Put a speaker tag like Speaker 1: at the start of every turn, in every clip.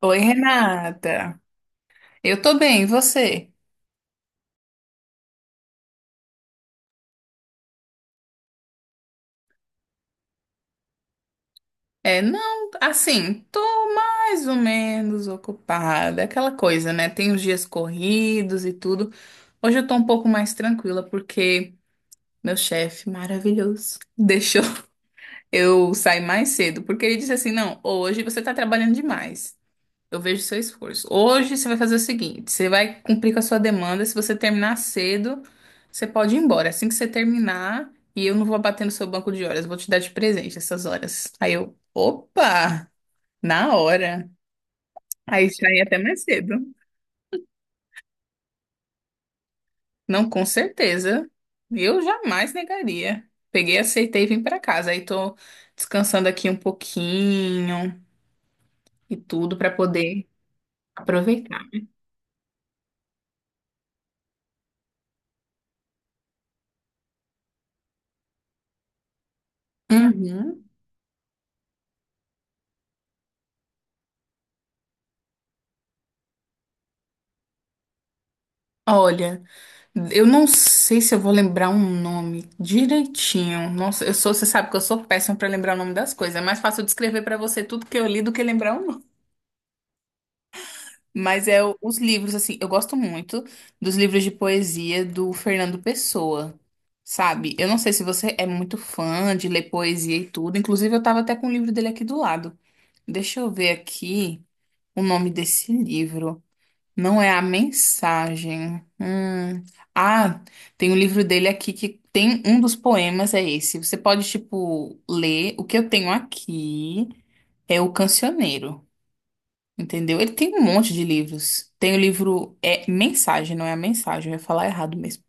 Speaker 1: Oi, Renata. Eu tô bem, e você? É, não, assim, tô mais ou menos ocupada, aquela coisa, né? Tem os dias corridos e tudo. Hoje eu tô um pouco mais tranquila porque meu chefe maravilhoso deixou eu sair mais cedo, porque ele disse assim: "Não, hoje você tá trabalhando demais. Eu vejo seu esforço. Hoje você vai fazer o seguinte: você vai cumprir com a sua demanda. Se você terminar cedo, você pode ir embora. Assim que você terminar, e eu não vou bater no seu banco de horas, eu vou te dar de presente essas horas." Aí eu, opa, na hora. Aí já ia até mais cedo. Não, com certeza. Eu jamais negaria. Peguei, aceitei e vim para casa. Aí tô descansando aqui um pouquinho e tudo para poder aproveitar. Uhum. Olha, eu não sei se eu vou lembrar um nome direitinho. Nossa, eu sou, você sabe que eu sou péssima para lembrar o nome das coisas. É mais fácil eu descrever para você tudo que eu li do que lembrar o nome. Mas os livros assim, eu gosto muito dos livros de poesia do Fernando Pessoa. Sabe? Eu não sei se você é muito fã de ler poesia e tudo. Inclusive, eu tava até com o livro dele aqui do lado. Deixa eu ver aqui o nome desse livro. Não é a mensagem. Hum. Ah, tem um livro dele aqui que tem um dos poemas, é esse. Você pode, tipo, ler. O que eu tenho aqui é o Cancioneiro, entendeu? Ele tem um monte de livros. Tem o livro é Mensagem, não é a mensagem, eu ia falar errado mesmo.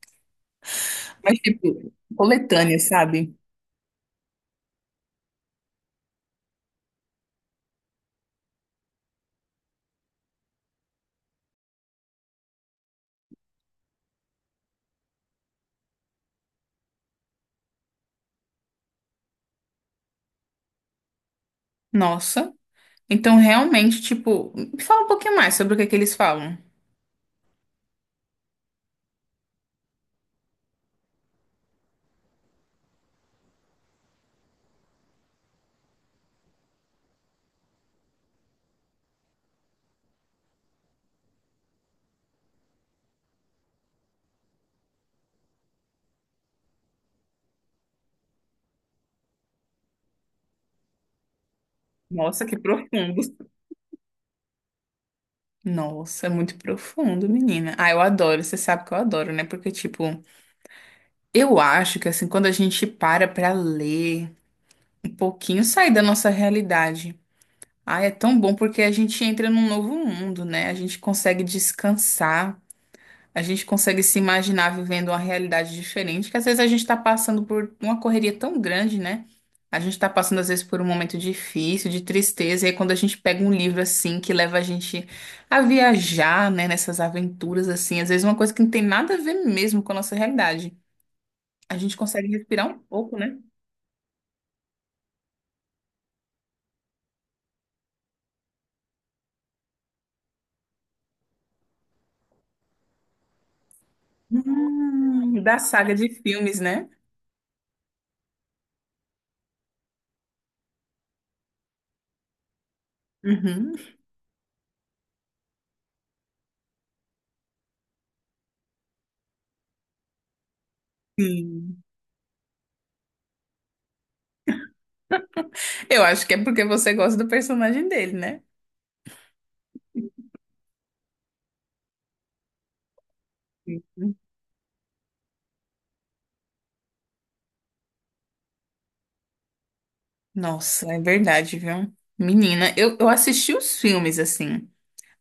Speaker 1: Mas, tipo, coletânea, sabe? Nossa. Então, realmente, tipo, me fala um pouquinho mais sobre o que é que eles falam. Nossa, que profundo. Nossa, é muito profundo, menina. Ah, eu adoro, você sabe que eu adoro, né? Porque, tipo, eu acho que, assim, quando a gente para pra ler um pouquinho, sai da nossa realidade. Ah, é tão bom porque a gente entra num novo mundo, né? A gente consegue descansar. A gente consegue se imaginar vivendo uma realidade diferente, que às vezes a gente está passando por uma correria tão grande, né? A gente está passando, às vezes, por um momento difícil, de tristeza, e aí quando a gente pega um livro assim, que leva a gente a viajar, né, nessas aventuras, assim, às vezes uma coisa que não tem nada a ver mesmo com a nossa realidade. A gente consegue respirar um pouco, né? Da saga de filmes, né? Uhum. Sim. Eu acho que é porque você gosta do personagem dele, né? Sim. Nossa, é verdade, viu? Menina, eu assisti os filmes assim.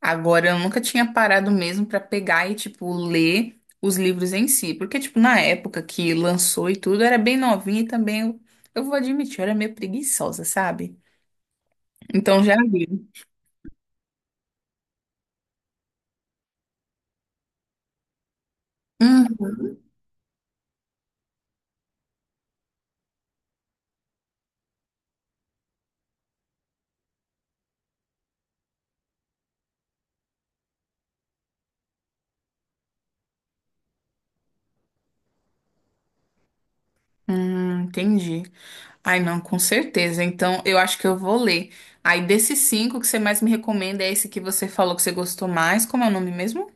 Speaker 1: Agora, eu nunca tinha parado mesmo pra pegar e, tipo, ler os livros em si. Porque, tipo, na época que lançou e tudo, eu era bem novinha e também, eu vou admitir, eu era meio preguiçosa, sabe? Então, já li. Hum, entendi. Ai, não, com certeza. Então, eu acho que eu vou ler. Aí, desses cinco que você mais me recomenda, é esse que você falou que você gostou mais. Como é o nome mesmo?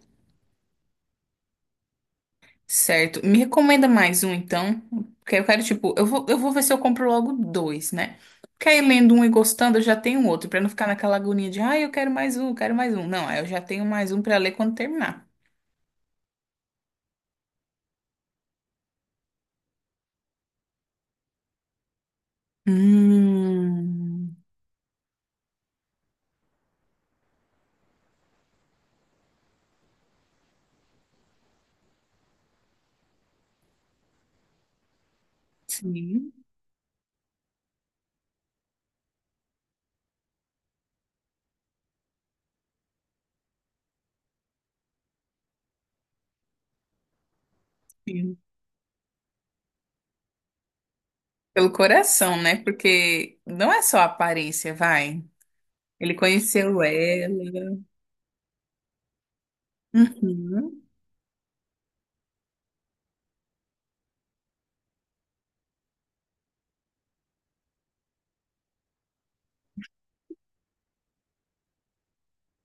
Speaker 1: Certo. Me recomenda mais um, então. Porque eu quero, tipo, eu vou ver se eu compro logo dois, né? Porque aí lendo um e gostando, eu já tenho outro, pra não ficar naquela agonia de, ah, eu quero mais um, eu quero mais um. Não, aí eu já tenho mais um pra ler quando terminar. Hum, sim, sim. Pelo coração, né? Porque não é só a aparência, vai. Ele conheceu ela. Uhum.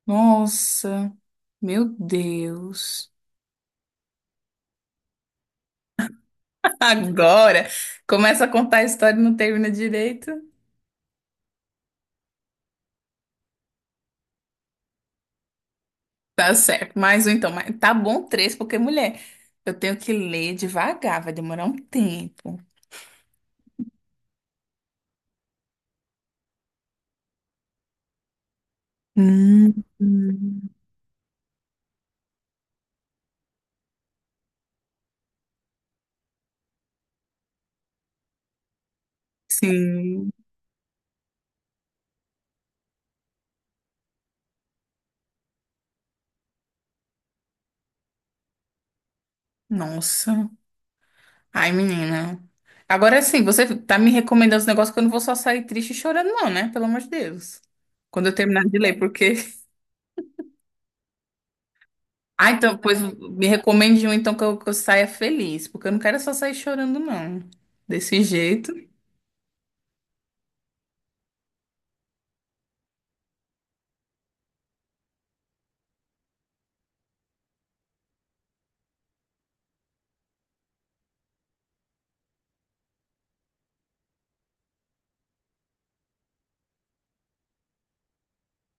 Speaker 1: Nossa, meu Deus. Agora começa a contar a história e não termina direito. Tá certo. Mais um então. Mas tá bom três, porque, mulher, eu tenho que ler devagar, vai demorar um tempo. Hum, hum. Sim. Nossa. Ai, menina. Agora sim, você tá me recomendando os negócios que eu não vou só sair triste e chorando, não, né? Pelo amor de Deus. Quando eu terminar de ler, porque. Ah, então, pois me recomende um então que eu saia feliz, porque eu não quero só sair chorando, não. Desse jeito.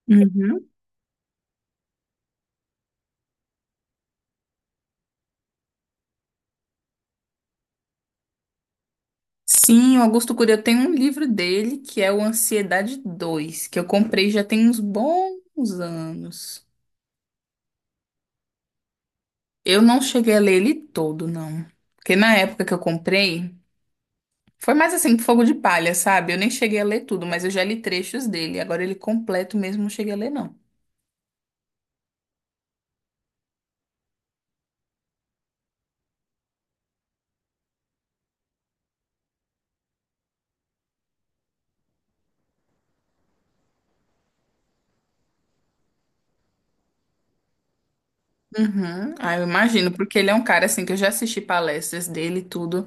Speaker 1: Uhum. Sim, o Augusto Cury, eu tenho um livro dele que é o Ansiedade 2 que eu comprei já tem uns bons anos. Eu não cheguei a ler ele todo, não. Porque na época que eu comprei, foi mais assim, fogo de palha, sabe? Eu nem cheguei a ler tudo, mas eu já li trechos dele. Agora ele completo mesmo, não cheguei a ler, não. Uhum. Ah, eu imagino, porque ele é um cara assim que eu já assisti palestras dele e tudo.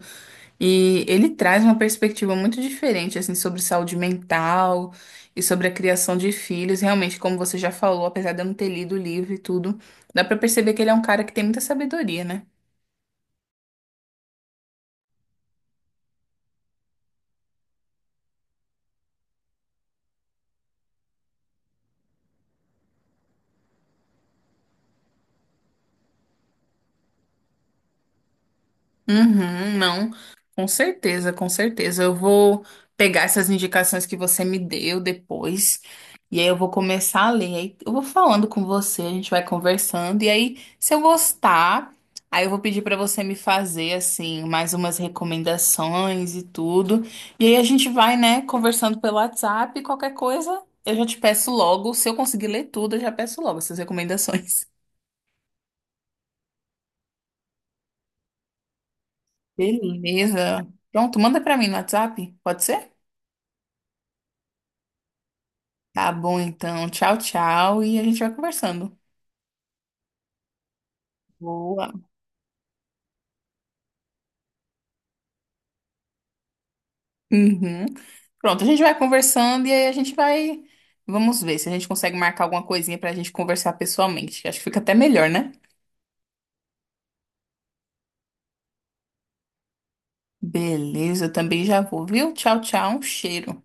Speaker 1: E ele traz uma perspectiva muito diferente, assim, sobre saúde mental e sobre a criação de filhos. Realmente, como você já falou, apesar de eu não ter lido o livro e tudo, dá pra perceber que ele é um cara que tem muita sabedoria, né? Uhum, não, com certeza, com certeza. Eu vou pegar essas indicações que você me deu depois, e aí eu vou começar a ler. Aí eu vou falando com você, a gente vai conversando, e aí, se eu gostar, aí eu vou pedir para você me fazer, assim, mais umas recomendações e tudo. E aí a gente vai, né, conversando pelo WhatsApp, qualquer coisa, eu já te peço logo. Se eu conseguir ler tudo, eu já peço logo essas recomendações. Beleza. Beleza? Pronto, manda para mim no WhatsApp, pode ser? Tá bom, então. Tchau, tchau. E a gente vai conversando. Boa. Uhum. Pronto, a gente vai conversando e aí a gente vai. Vamos ver se a gente consegue marcar alguma coisinha pra gente conversar pessoalmente. Acho que fica até melhor, né? Beleza, eu também já vou, viu? Tchau, tchau. Um cheiro.